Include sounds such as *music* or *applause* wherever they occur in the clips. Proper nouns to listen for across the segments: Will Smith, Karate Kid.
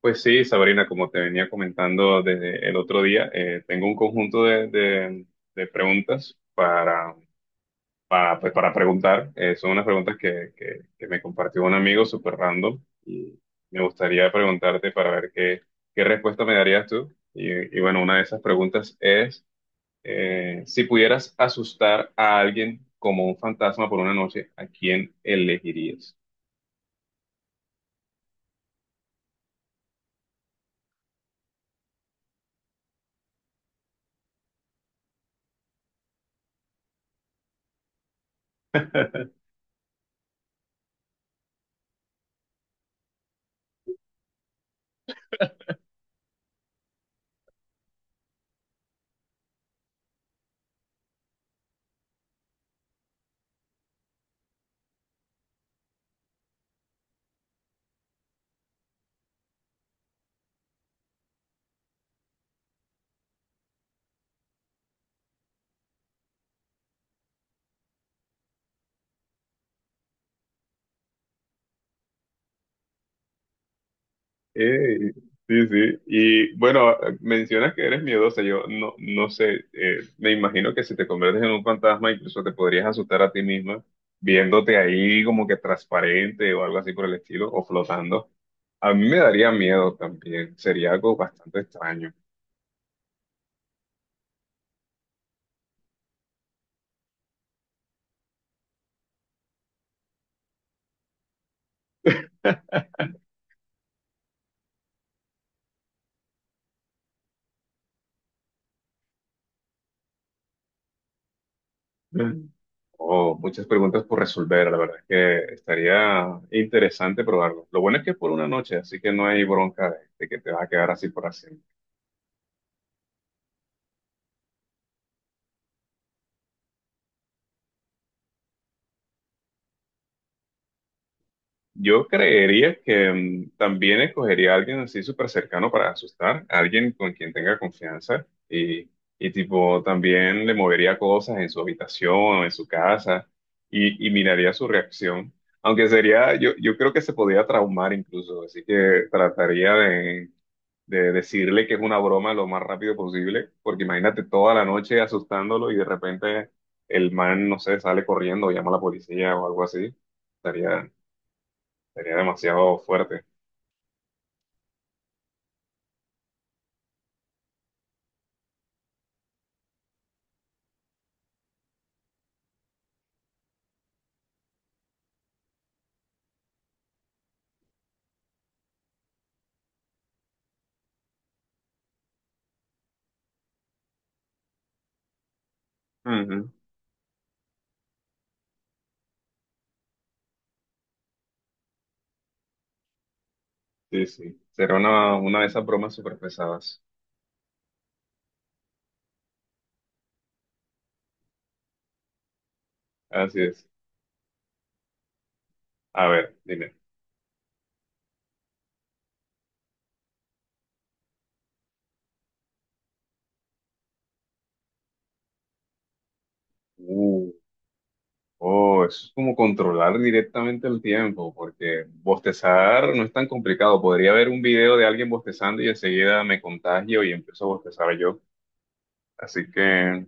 Pues sí, Sabrina, como te venía comentando desde el otro día, tengo un conjunto de preguntas pues, para preguntar. Son unas preguntas que me compartió un amigo súper random y me gustaría preguntarte para ver qué respuesta me darías tú. Y bueno, una de esas preguntas es, si pudieras asustar a alguien como un fantasma por una noche, ¿a quién elegirías? Eh, sí, sí. Y bueno, mencionas que eres miedosa. Yo no sé, me imagino que si te conviertes en un fantasma, incluso te podrías asustar a ti misma viéndote ahí como que transparente o algo así por el estilo, o flotando. A mí me daría miedo también. Sería algo bastante extraño. Mm. Oh, muchas preguntas por resolver. La verdad es que estaría interesante probarlo. Lo bueno es que es por una noche, así que no hay bronca de que te vas a quedar así por así. Yo creería que también escogería a alguien así súper cercano para asustar, a alguien con quien tenga confianza y tipo también le movería cosas en su habitación o en su casa y miraría su reacción. Aunque sería, yo creo que se podría traumar incluso, así que trataría de decirle que es una broma lo más rápido posible, porque imagínate toda la noche asustándolo y de repente el man, no sé, sale corriendo o llama a la policía o algo así. Estaría, sería demasiado fuerte. Ujú. Sí, sí. Será una de esas bromas súper pesadas. Así es. A ver, dime. Uh, oh, eso es como controlar directamente el tiempo, porque bostezar no es tan complicado. Podría ver un video de alguien bostezando y enseguida me contagio y empiezo a bostezar yo. Así que,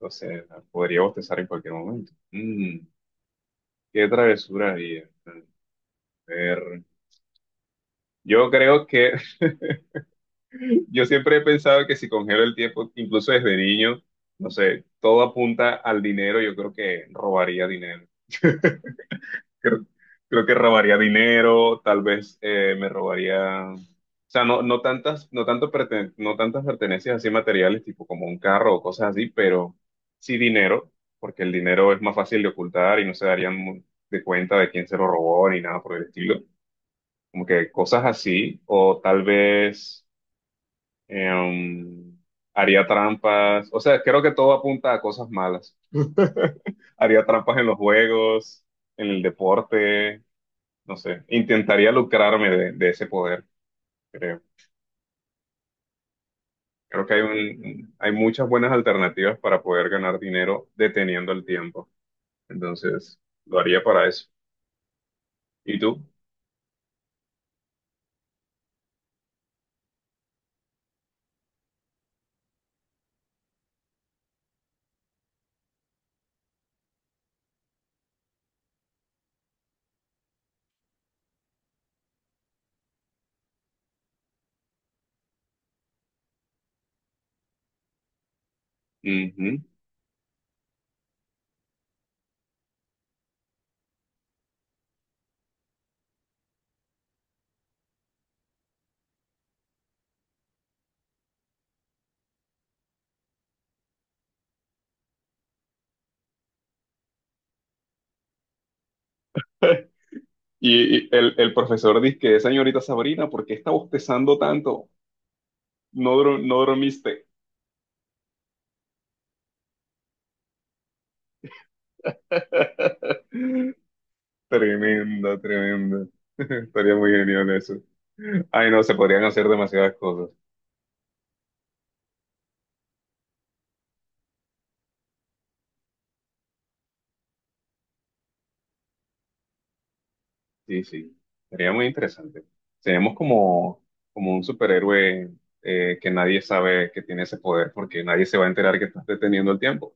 no sé, podría bostezar en cualquier momento. Mm, ¿qué travesura haría? A ver, yo creo que *laughs* yo siempre he pensado que si congelo el tiempo, incluso desde niño, no sé, todo apunta al dinero, yo creo que robaría dinero. Creo, creo que robaría dinero, tal vez me robaría, o sea, no tantas, no tanto no tantas pertenencias así materiales, tipo como un carro o cosas así, pero sí dinero, porque el dinero es más fácil de ocultar y no se darían de cuenta de quién se lo robó ni nada por el estilo. Como que cosas así, o tal vez Em, haría trampas. O sea, creo que todo apunta a cosas malas. *laughs* Haría trampas en los juegos, en el deporte, no sé. Intentaría lucrarme de ese poder, creo. Creo que hay hay muchas buenas alternativas para poder ganar dinero deteniendo el tiempo. Entonces, lo haría para eso. ¿Y tú? Ujú. *laughs* Y el profesor dice que, señorita Sabrina, ¿por qué está bostezando tanto? No, no dormiste. *laughs* Tremenda, tremenda. *laughs* Estaría muy genial eso. Ay, no, se podrían hacer demasiadas cosas. Sí, sí. Sería muy interesante. Seríamos como, como un superhéroe que nadie sabe que tiene ese poder porque nadie se va a enterar que estás deteniendo el tiempo.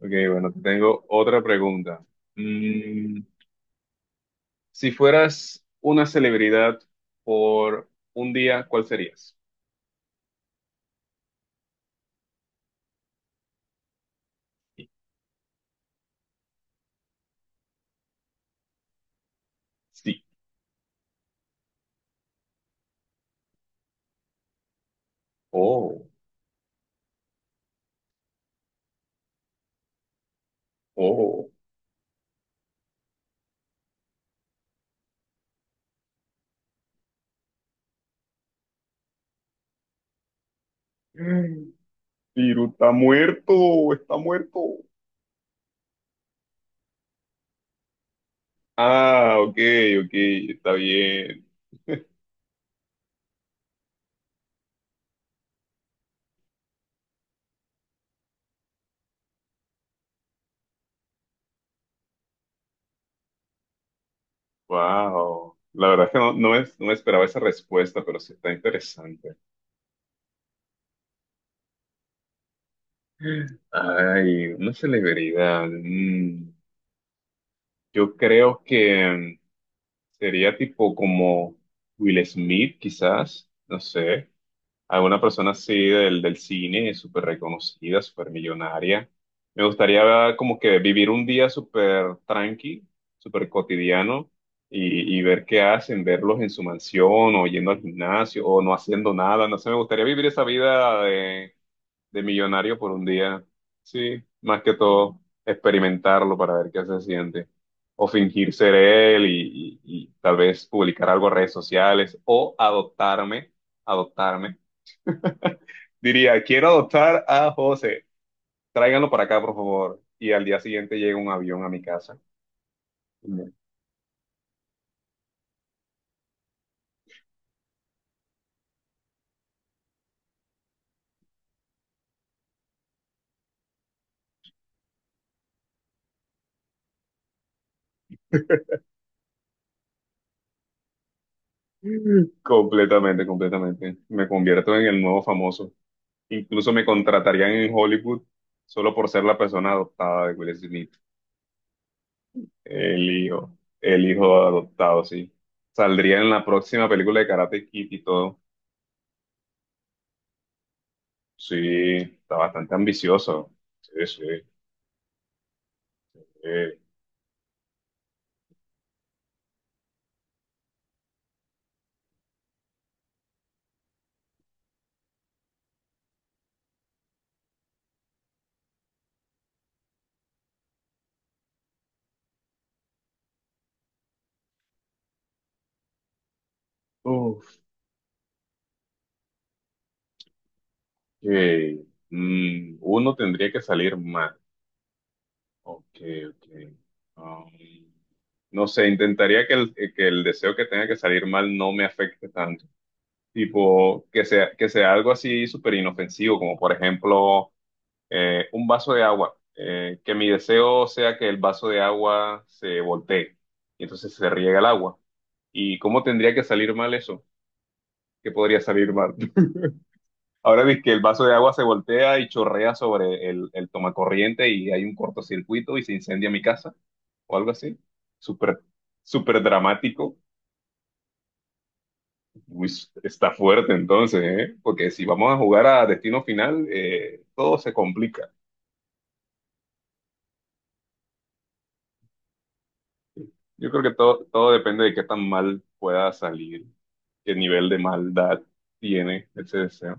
Ok, bueno, te tengo otra pregunta. Mm, si fueras una celebridad por un día, ¿cuál serías? Sí. Oh, oh. *gasps* Piru está muerto, está muerto. Ah, ok, ok, está bien. Wow. La verdad es que no me esperaba esa respuesta, pero sí está interesante. Ay, una celebridad. Mm, yo creo que mm, sería tipo como Will Smith, quizás. No sé. Alguna persona así del cine, súper reconocida, súper millonaria. Me gustaría como que vivir un día súper tranqui, súper cotidiano y ver qué hacen, verlos en su mansión o yendo al gimnasio o no haciendo nada. No sé, me gustaría vivir esa vida de millonario por un día. Sí, más que todo, experimentarlo para ver qué se siente. O fingir ser él y tal vez publicar algo en redes sociales o adoptarme adoptarme diría, quiero adoptar a José, tráiganlo para acá, por favor. Y al día siguiente llega un avión a mi casa. Mm. Completamente, completamente. Me convierto en el nuevo famoso. Incluso me contratarían en Hollywood solo por ser la persona adoptada de Will Smith. El hijo adoptado, sí. Saldría en la próxima película de Karate Kid y todo. Sí, está bastante ambicioso. Sí, sí. Sí. Uf, ok. Mm, uno tendría que salir mal. Ok, ok. Um, no sé, intentaría que el deseo que tenga que salir mal no me afecte tanto. Tipo, que sea algo así súper inofensivo, como por ejemplo un vaso de agua. Que mi deseo sea que el vaso de agua se voltee y entonces se riega el agua. ¿Y cómo tendría que salir mal eso? ¿Qué podría salir mal? *laughs* Ahora ves que el vaso de agua se voltea y chorrea sobre el tomacorriente y hay un cortocircuito y se incendia mi casa o algo así. Súper, súper dramático. Uy, está fuerte entonces, ¿eh? Porque si vamos a jugar a destino final, todo se complica. Yo creo que todo, todo depende de qué tan mal pueda salir, qué nivel de maldad tiene ese deseo.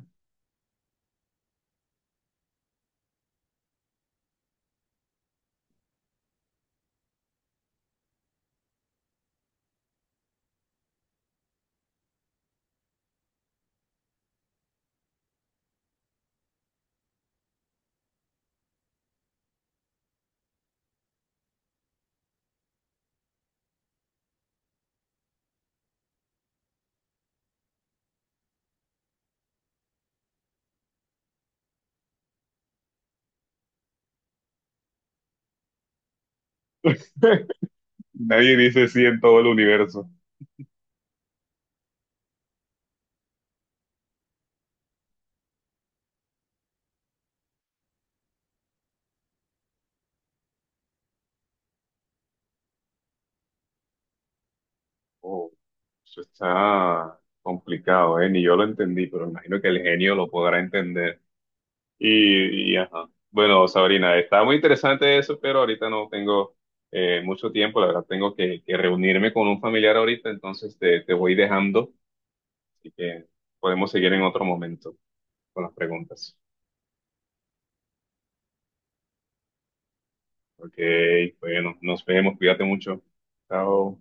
*laughs* Nadie dice sí en todo el universo. Oh. Eso está complicado, ¿eh? Ni yo lo entendí, pero imagino que el genio lo podrá entender. Y, ajá. Bueno, Sabrina, está muy interesante eso, pero ahorita no tengo mucho tiempo. La verdad, tengo que reunirme con un familiar ahorita, entonces te voy dejando. Así que podemos seguir en otro momento con las preguntas. Ok, bueno, nos vemos. Cuídate mucho. Chao.